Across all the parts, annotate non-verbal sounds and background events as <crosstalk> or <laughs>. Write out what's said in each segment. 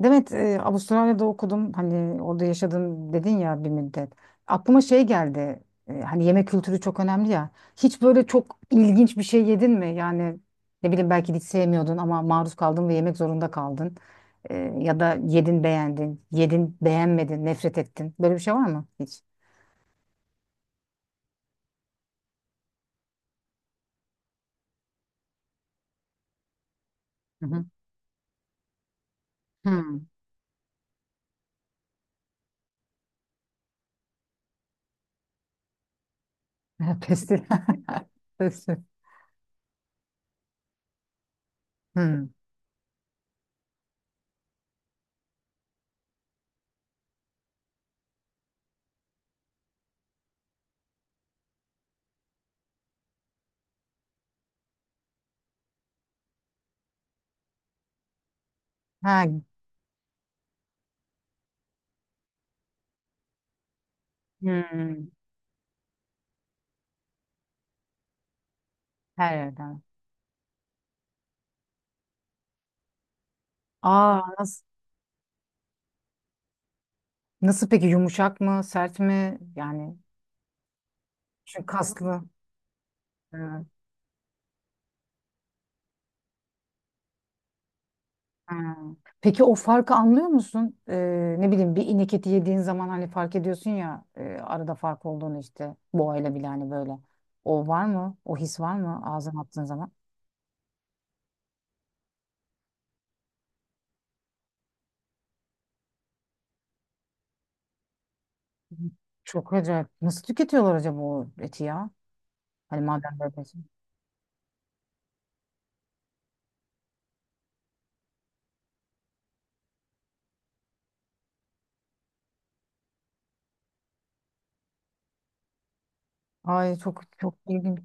Demet, Avustralya'da okudum. Hani orada yaşadım dedin ya bir müddet. Aklıma şey geldi. Hani yemek kültürü çok önemli ya. Hiç böyle çok ilginç bir şey yedin mi? Yani ne bileyim, belki hiç sevmiyordun ama maruz kaldın ve yemek zorunda kaldın. Ya da yedin beğendin, yedin beğenmedin, nefret ettin. Böyle bir şey var mı hiç? Hı hı. Hmm. <laughs> Pestil. <laughs> Pestil. Hmm. Ha. Hmm. Her yerden. Aa, nasıl? Nasıl peki, yumuşak mı, sert mi? Yani çünkü kaslı. Evet. Ha. Peki o farkı anlıyor musun? Ne bileyim, bir inek eti yediğin zaman hani fark ediyorsun ya, arada fark olduğunu işte boğayla bile hani böyle. O var mı? O his var mı ağzına attığın zaman? Hı. Çok acayip. Nasıl tüketiyorlar acaba o eti ya? Hani madem böyle, şey. Ay çok çok ilginç.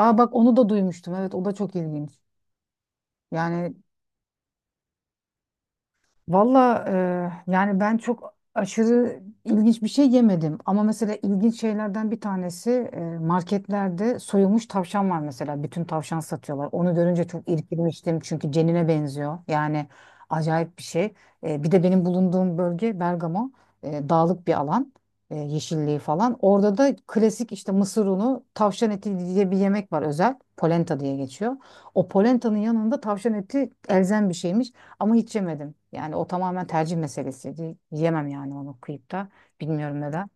Aa bak, onu da duymuştum. Evet, o da çok ilginç. Yani valla, yani ben çok aşırı ilginç bir şey yemedim. Ama mesela ilginç şeylerden bir tanesi, marketlerde soyulmuş tavşan var mesela. Bütün tavşan satıyorlar. Onu görünce çok irkilmiştim çünkü cenine benziyor. Yani acayip bir şey. Bir de benim bulunduğum bölge Bergama. Dağlık bir alan. Yeşilliği falan. Orada da klasik işte mısır unu, tavşan eti diye bir yemek var özel. Polenta diye geçiyor. O polentanın yanında tavşan eti elzem bir şeymiş. Ama hiç yemedim. Yani o tamamen tercih meselesiydi. Yemem yani onu kıyıp da. Bilmiyorum neden.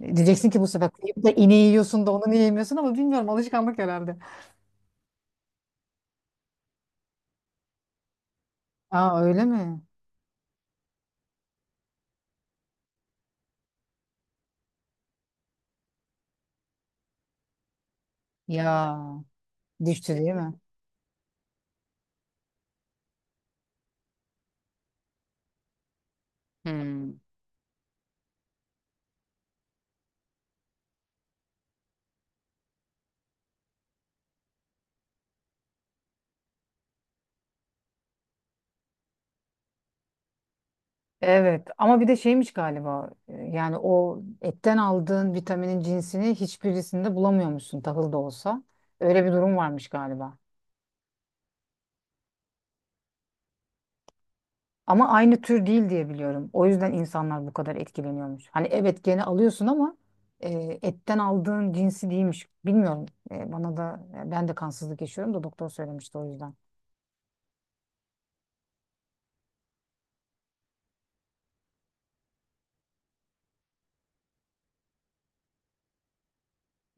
Diyeceksin ki bu sefer kıyıp da ineği yiyorsun da onu niye yemiyorsun, ama bilmiyorum, alışkanlık herhalde. Aa, öyle mi? Ya, düştü değil mi? Hmm. Evet, ama bir de şeymiş galiba, yani o etten aldığın vitaminin cinsini hiçbirisinde bulamıyormuşsun, tahıl da olsa. Öyle bir durum varmış galiba. Ama aynı tür değil diye biliyorum. O yüzden insanlar bu kadar etkileniyormuş. Hani evet, gene alıyorsun ama e, etten aldığın cinsi değilmiş. Bilmiyorum. Bana da, ben de kansızlık yaşıyorum da, doktor söylemişti o yüzden.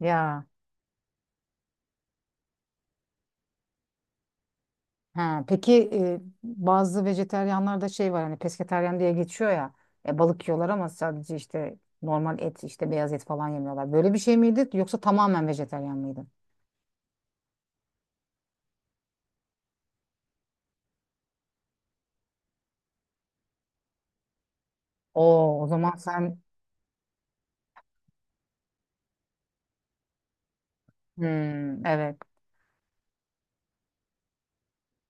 Ya. Ha peki, bazı vejetaryenlarda şey var, hani pesketaryen diye geçiyor ya. Balık yiyorlar ama sadece, işte normal et, işte beyaz et falan yemiyorlar. Böyle bir şey miydi yoksa tamamen vejetaryen mıydın? Oo, o zaman sen. Hmm, evet.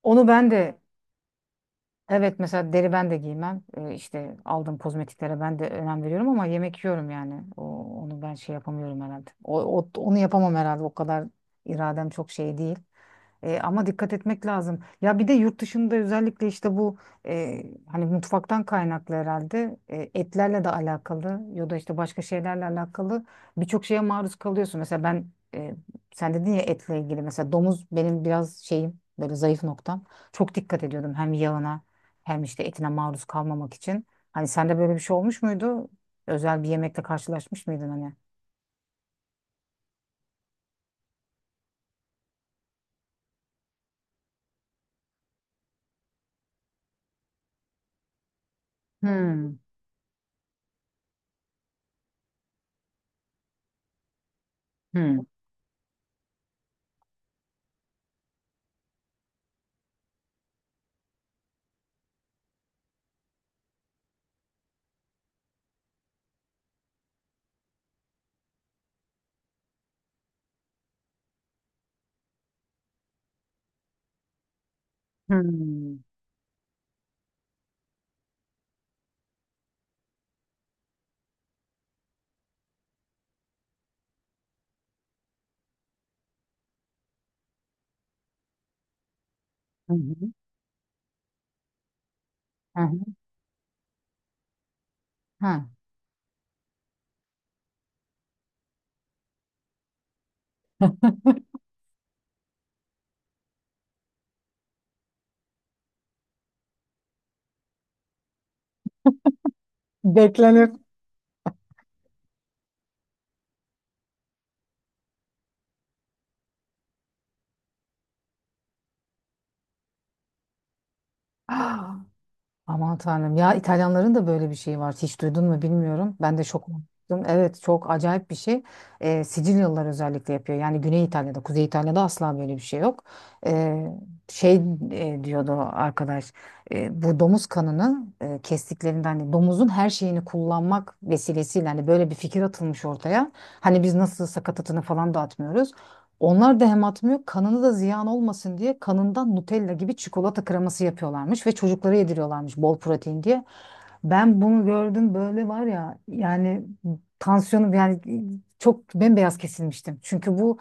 Onu ben de. Evet, mesela deri ben de giymem. İşte aldığım kozmetiklere ben de önem veriyorum ama yemek yiyorum yani. Onu ben şey yapamıyorum herhalde. Onu yapamam herhalde. O kadar iradem çok şey değil. Ama dikkat etmek lazım. Ya bir de yurt dışında özellikle işte bu, e, hani mutfaktan kaynaklı herhalde, etlerle de alakalı ya da işte başka şeylerle alakalı birçok şeye maruz kalıyorsun. Mesela ben, sen dedin ya etle ilgili, mesela domuz benim biraz şeyim, böyle zayıf noktam. Çok dikkat ediyordum hem yağına hem işte etine maruz kalmamak için. Hani sende böyle bir şey olmuş muydu? Özel bir yemekle karşılaşmış mıydın hani? Hmm, hmm, hmm. Hı hı, hı hı. Hı. Beklenir. Ah, aman tanrım ya, İtalyanların da böyle bir şeyi var. Hiç duydun mu bilmiyorum. Ben de şok oldum. Evet, çok acayip bir şey. Sicilyalılar özellikle yapıyor. Yani Güney İtalya'da, Kuzey İtalya'da asla böyle bir şey yok. Ee, şey Diyordu arkadaş, bu domuz kanını, kestiklerinde hani domuzun her şeyini kullanmak vesilesiyle hani böyle bir fikir atılmış ortaya. Hani biz nasıl sakatatını falan dağıtmıyoruz. Onlar da hem atmıyor, kanını da ziyan olmasın diye kanından Nutella gibi çikolata kreması yapıyorlarmış ve çocuklara yediriyorlarmış bol protein diye. Ben bunu gördüm böyle var ya yani, tansiyonum yani çok bembeyaz kesilmiştim. Çünkü bu,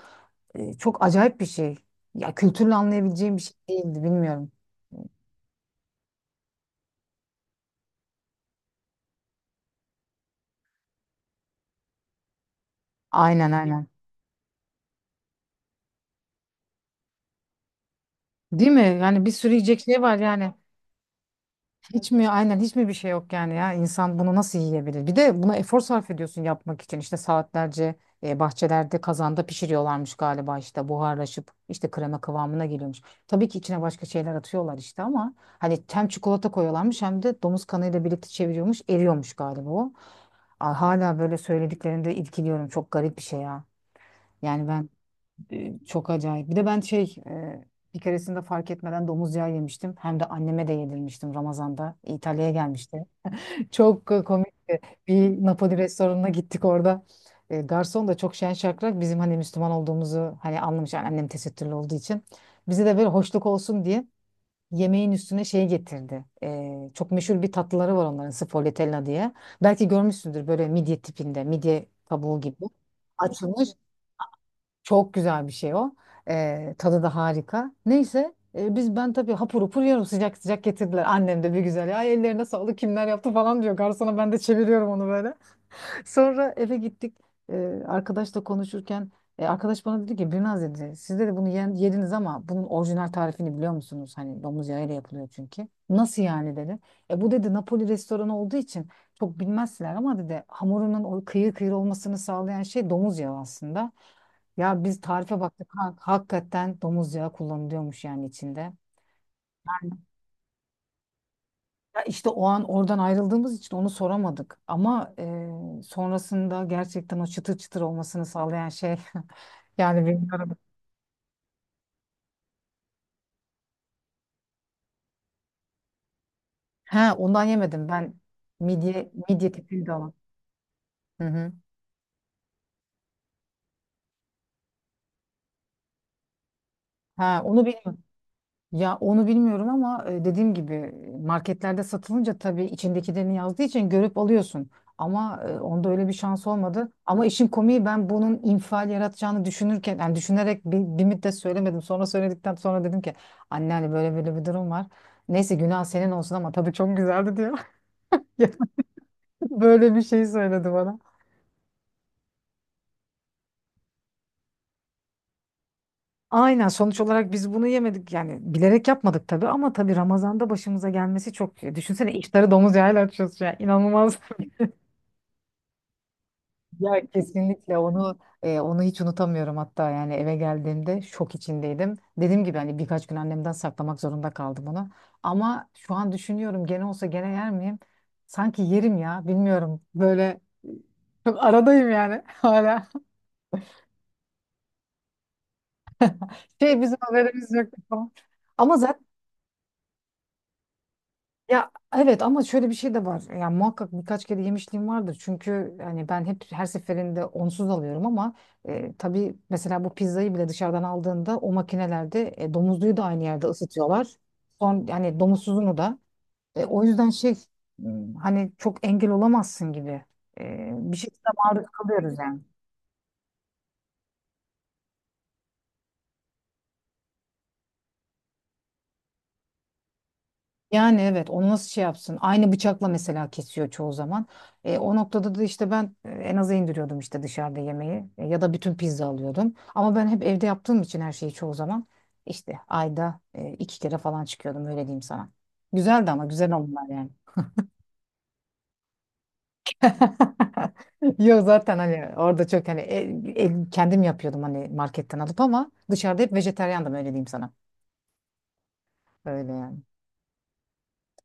çok acayip bir şey. Ya kültürle anlayabileceğim bir şey değildi, bilmiyorum. Aynen, aynen. Değil mi? Yani bir sürü yiyecek şey var yani. Hiç mi, aynen hiç mi bir şey yok yani, ya insan bunu nasıl yiyebilir? Bir de buna efor sarf ediyorsun yapmak için işte saatlerce, bahçelerde kazanda pişiriyorlarmış galiba, işte buharlaşıp işte krema kıvamına geliyormuş. Tabii ki içine başka şeyler atıyorlar işte, ama hani hem çikolata koyuyorlarmış hem de domuz kanıyla birlikte çeviriyormuş, eriyormuş galiba o. Aa, hala böyle söylediklerinde irkiliyorum, çok garip bir şey ya. Yani ben, çok acayip. Bir de ben şey, bir keresinde fark etmeden domuz yağı yemiştim. Hem de anneme de yedirmiştim Ramazan'da. İtalya'ya gelmişti. Çok komikti. Bir Napoli restoranına gittik orada. Garson da çok şen şakrak, bizim hani Müslüman olduğumuzu hani anlamış, yani annem tesettürlü olduğu için. Bize de böyle hoşluk olsun diye yemeğin üstüne şey getirdi. Çok meşhur bir tatlıları var onların, sfogliatella diye. Belki görmüşsündür, böyle midye tipinde, midye kabuğu gibi. Açılmış çok güzel bir şey o. Tadı da harika. Neyse, biz, ben tabii hapur hapur yiyorum, sıcak sıcak getirdiler. Annem de bir güzel, ay ellerine sağlık kimler yaptı falan diyor. Garsona ben de çeviriyorum onu böyle. <laughs> Sonra eve gittik. Arkadaşla konuşurken, arkadaş bana dedi ki, Birnaz dedi siz dedi bunu yediniz ama bunun orijinal tarifini biliyor musunuz? Hani domuz yağıyla yapılıyor çünkü. Nasıl yani dedi. Bu dedi Napoli restoranı olduğu için çok bilmezler, ama dedi hamurunun o kıyır kıyır olmasını sağlayan şey domuz yağı aslında. Ya biz tarife baktık. Hakikaten domuz yağı kullanılıyormuş yani içinde. Ya işte o an oradan ayrıldığımız için onu soramadık. Ama, sonrasında gerçekten o çıtır çıtır olmasını sağlayan şey <laughs> yani bilmiyorum. He, ondan yemedim ben, midye midye tipiydi ama. Hı hı. Ha, onu bilmiyorum. Ya onu bilmiyorum ama, dediğim gibi marketlerde satılınca tabii içindekilerini yazdığı için görüp alıyorsun. Ama, onda öyle bir şans olmadı. Ama işin komiği, ben bunun infial yaratacağını düşünürken, yani düşünerek bir müddet söylemedim. Sonra söyledikten sonra dedim ki anne, hani böyle böyle bir durum var. Neyse günah senin olsun ama tabii çok güzeldi diyor. <laughs> Ya, böyle bir şey söyledi bana. Aynen, sonuç olarak biz bunu yemedik yani, bilerek yapmadık tabii, ama tabii Ramazan'da başımıza gelmesi çok, düşünsene iftarı domuz yağıyla açıyorsun ya, inanılmaz. Ya kesinlikle onu, onu hiç unutamıyorum hatta, yani eve geldiğimde şok içindeydim. Dediğim gibi hani birkaç gün annemden saklamak zorunda kaldım onu. Ama şu an düşünüyorum, gene olsa gene yer miyim? Sanki yerim ya, bilmiyorum, böyle e, çok aradayım yani <laughs> hala. Şey, bizim haberimiz yok falan. Ama zaten. Ya evet ama şöyle bir şey de var. Ya muhakkak birkaç kere yemişliğim vardır. Çünkü hani ben hep her seferinde onsuz alıyorum ama, tabii mesela bu pizzayı bile dışarıdan aldığında o makinelerde, domuzluyu da aynı yerde ısıtıyorlar. Son yani domuzsuzunu da. O yüzden şey, hani çok engel olamazsın gibi. Bir şekilde maruz kalıyoruz yani. Yani evet, onu nasıl şey yapsın? Aynı bıçakla mesela kesiyor çoğu zaman. O noktada da işte ben, en aza indiriyordum işte dışarıda yemeği. Ya da bütün pizza alıyordum. Ama ben hep evde yaptığım için her şeyi çoğu zaman işte ayda, iki kere falan çıkıyordum öyle diyeyim sana. Güzeldi ama, güzel onlar yani. <laughs> Yok zaten hani orada çok hani kendim yapıyordum hani marketten alıp, ama dışarıda hep vejetaryandım öyle diyeyim sana. Öyle yani.